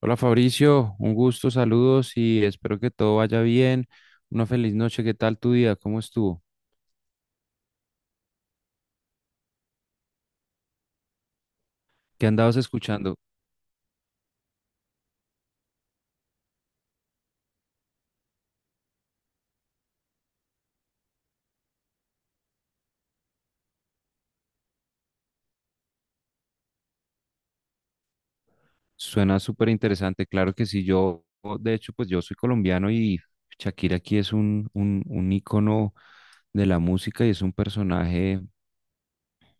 Hola Fabricio, un gusto, saludos y espero que todo vaya bien. Una feliz noche, ¿qué tal tu día? ¿Cómo estuvo? ¿Qué andabas escuchando? Suena súper interesante, claro que sí, yo, de hecho, pues yo soy colombiano y Shakira aquí es un ícono de la música y es un personaje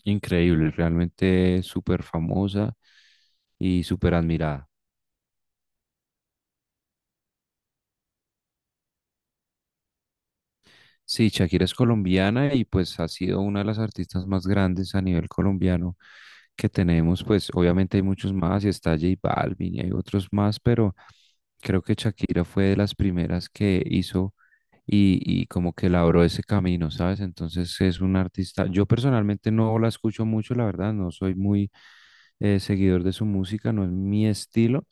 increíble, realmente súper famosa y súper admirada. Sí, Shakira es colombiana y pues ha sido una de las artistas más grandes a nivel colombiano que tenemos. Pues obviamente hay muchos más y está J Balvin y hay otros más, pero... Creo que Shakira fue de las primeras que hizo y como que labró ese camino, ¿sabes? Entonces es un artista. Yo personalmente no la escucho mucho, la verdad, no soy muy seguidor de su música, no es mi estilo,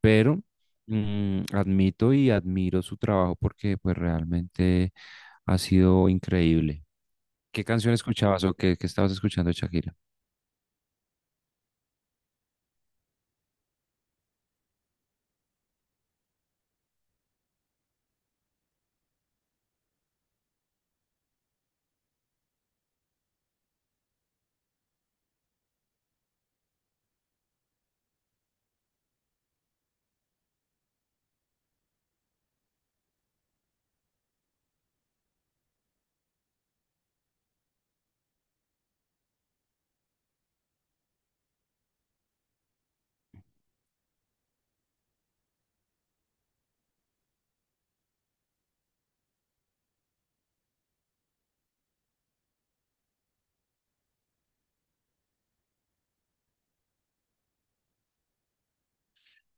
pero admito y admiro su trabajo porque pues realmente ha sido increíble. ¿Qué canción escuchabas o qué estabas escuchando de Shakira?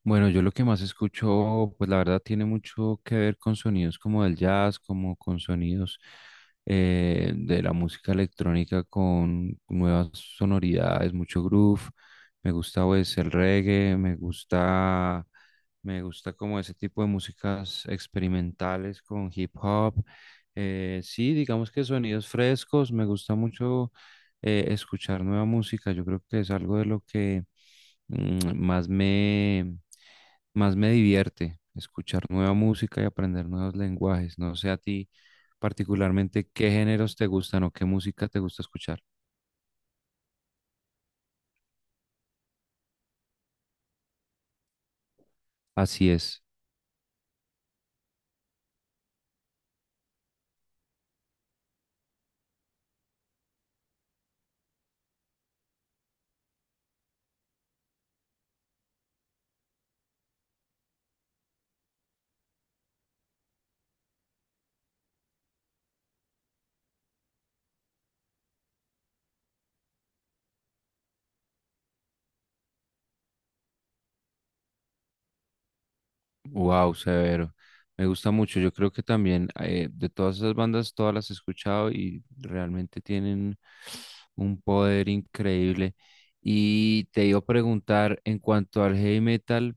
Bueno, yo lo que más escucho, pues la verdad tiene mucho que ver con sonidos como del jazz, como con sonidos de la música electrónica con nuevas sonoridades, mucho groove. Me gusta pues el reggae, me gusta como ese tipo de músicas experimentales con hip hop. Sí, digamos que sonidos frescos, me gusta mucho escuchar nueva música. Yo creo que es algo de lo que mm, más más me divierte escuchar nueva música y aprender nuevos lenguajes. No sé a ti particularmente qué géneros te gustan o qué música te gusta escuchar. Así es. Wow, severo. Me gusta mucho. Yo creo que también de todas esas bandas, todas las he escuchado y realmente tienen un poder increíble. Y te iba a preguntar en cuanto al heavy metal.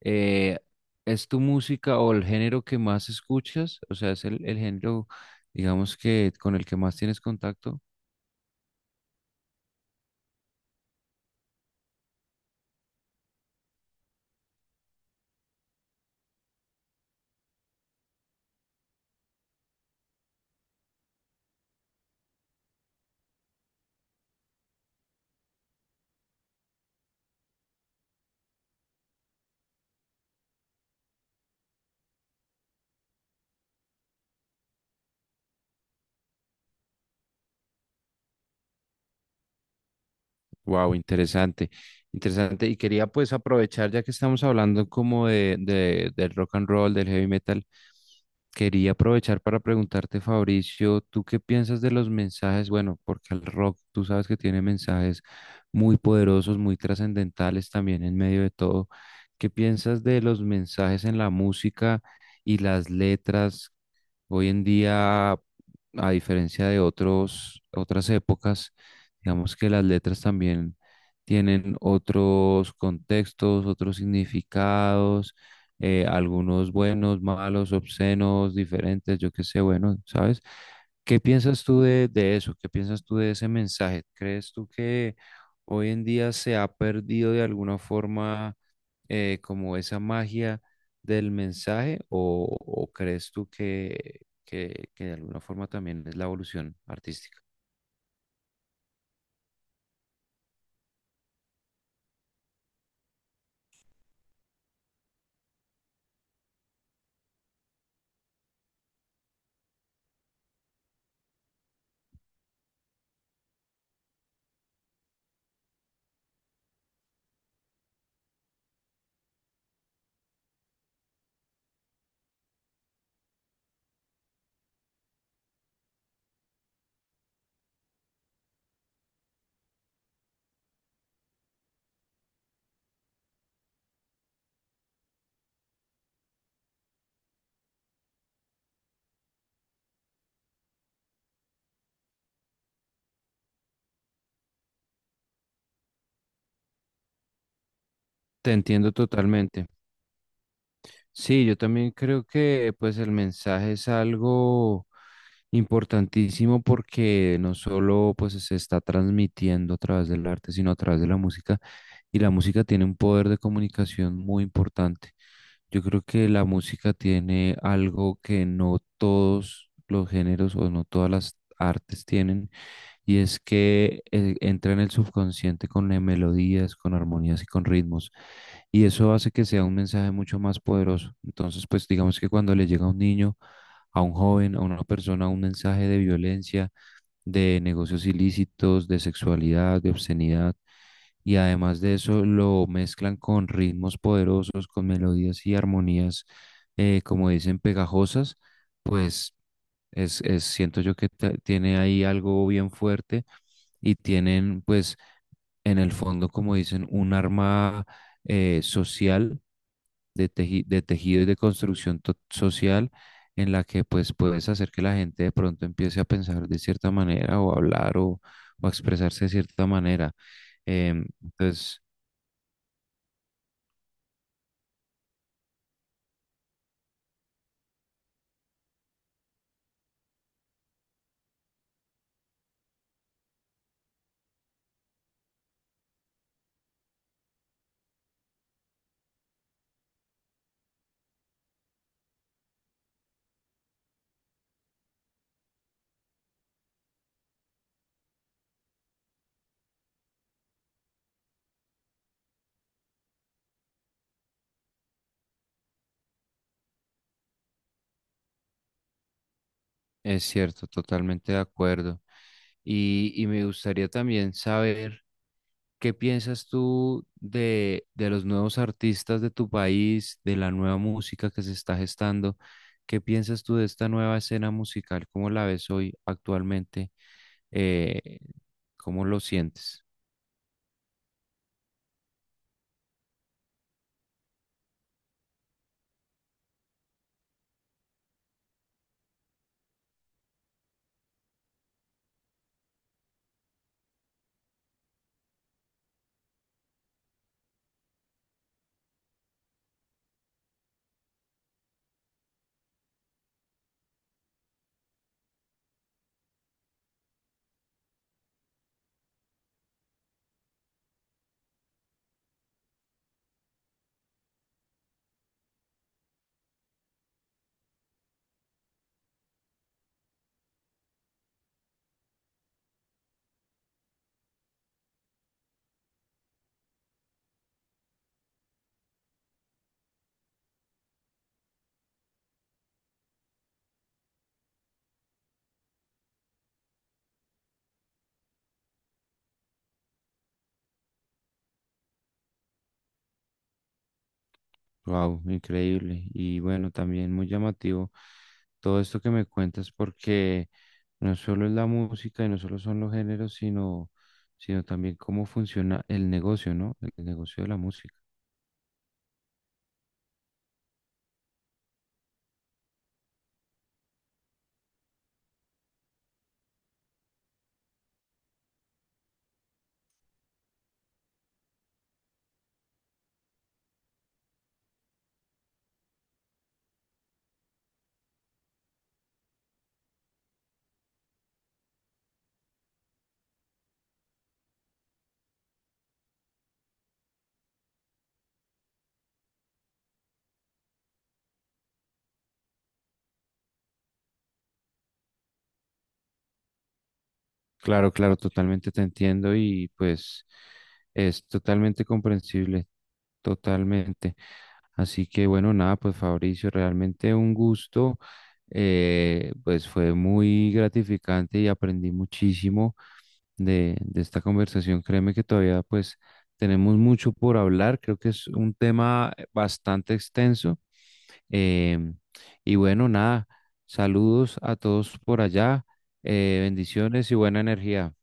Eh, ¿Es tu música o el género que más escuchas? O sea, ¿es el género, digamos que con el que más tienes contacto? Wow, interesante, interesante. Y quería pues aprovechar, ya que estamos hablando como de- del rock and roll, del heavy metal, quería aprovechar para preguntarte, Fabricio, ¿tú qué piensas de los mensajes? Bueno, porque el rock, tú sabes que tiene mensajes muy poderosos, muy trascendentales también en medio de todo. ¿Qué piensas de los mensajes en la música y las letras? Hoy en día, a diferencia de otros, otras épocas, digamos que las letras también tienen otros contextos, otros significados, algunos buenos, malos, obscenos, diferentes, yo qué sé, bueno, ¿sabes? ¿Qué piensas tú de eso? ¿Qué piensas tú de ese mensaje? ¿Crees tú que hoy en día se ha perdido de alguna forma? Como esa magia del mensaje o crees tú que, que de alguna forma también es la evolución artística? Te entiendo totalmente. Sí, yo también creo que pues el mensaje es algo importantísimo porque no solo pues se está transmitiendo a través del arte, sino a través de la música y la música tiene un poder de comunicación muy importante. Yo creo que la música tiene algo que no todos los géneros o no todas las artes tienen y es que entra en el subconsciente con melodías, con armonías y con ritmos. Y eso hace que sea un mensaje mucho más poderoso. Entonces, pues digamos que cuando le llega a un niño, a un joven, a una persona, un mensaje de violencia, de negocios ilícitos, de sexualidad, de obscenidad, y además de eso lo mezclan con ritmos poderosos, con melodías y armonías, como dicen, pegajosas, pues es- siento yo que ta- tiene ahí algo bien fuerte y tienen, pues, en el fondo, como dicen, un arma social de, teji- de tejido y de construcción to- social en la que, pues, puedes hacer que la gente de pronto empiece a pensar de cierta manera o a hablar o a expresarse de cierta manera. Entonces, es cierto, totalmente de acuerdo. Y me gustaría también saber. ¿Qué piensas tú de los nuevos artistas de tu país, de la nueva música que se está gestando? ¿Qué piensas tú de esta nueva escena musical? ¿Cómo la ves hoy actualmente? Eh, ¿Cómo lo sientes? Wow, increíble. Y bueno, también muy llamativo todo esto que me cuentas, porque no solo es la música y no solo son los géneros, sino, sino también cómo funciona el negocio, ¿no? El negocio de la música. Claro, claro, totalmente te entiendo y pues es totalmente comprensible, totalmente. Así que bueno, nada, pues Fabricio, realmente un gusto, pues fue muy gratificante y aprendí muchísimo de esta conversación. Créeme que todavía pues tenemos mucho por hablar, creo que es un tema bastante extenso. em, y bueno, nada, saludos a todos por allá, bendiciones y buena energía.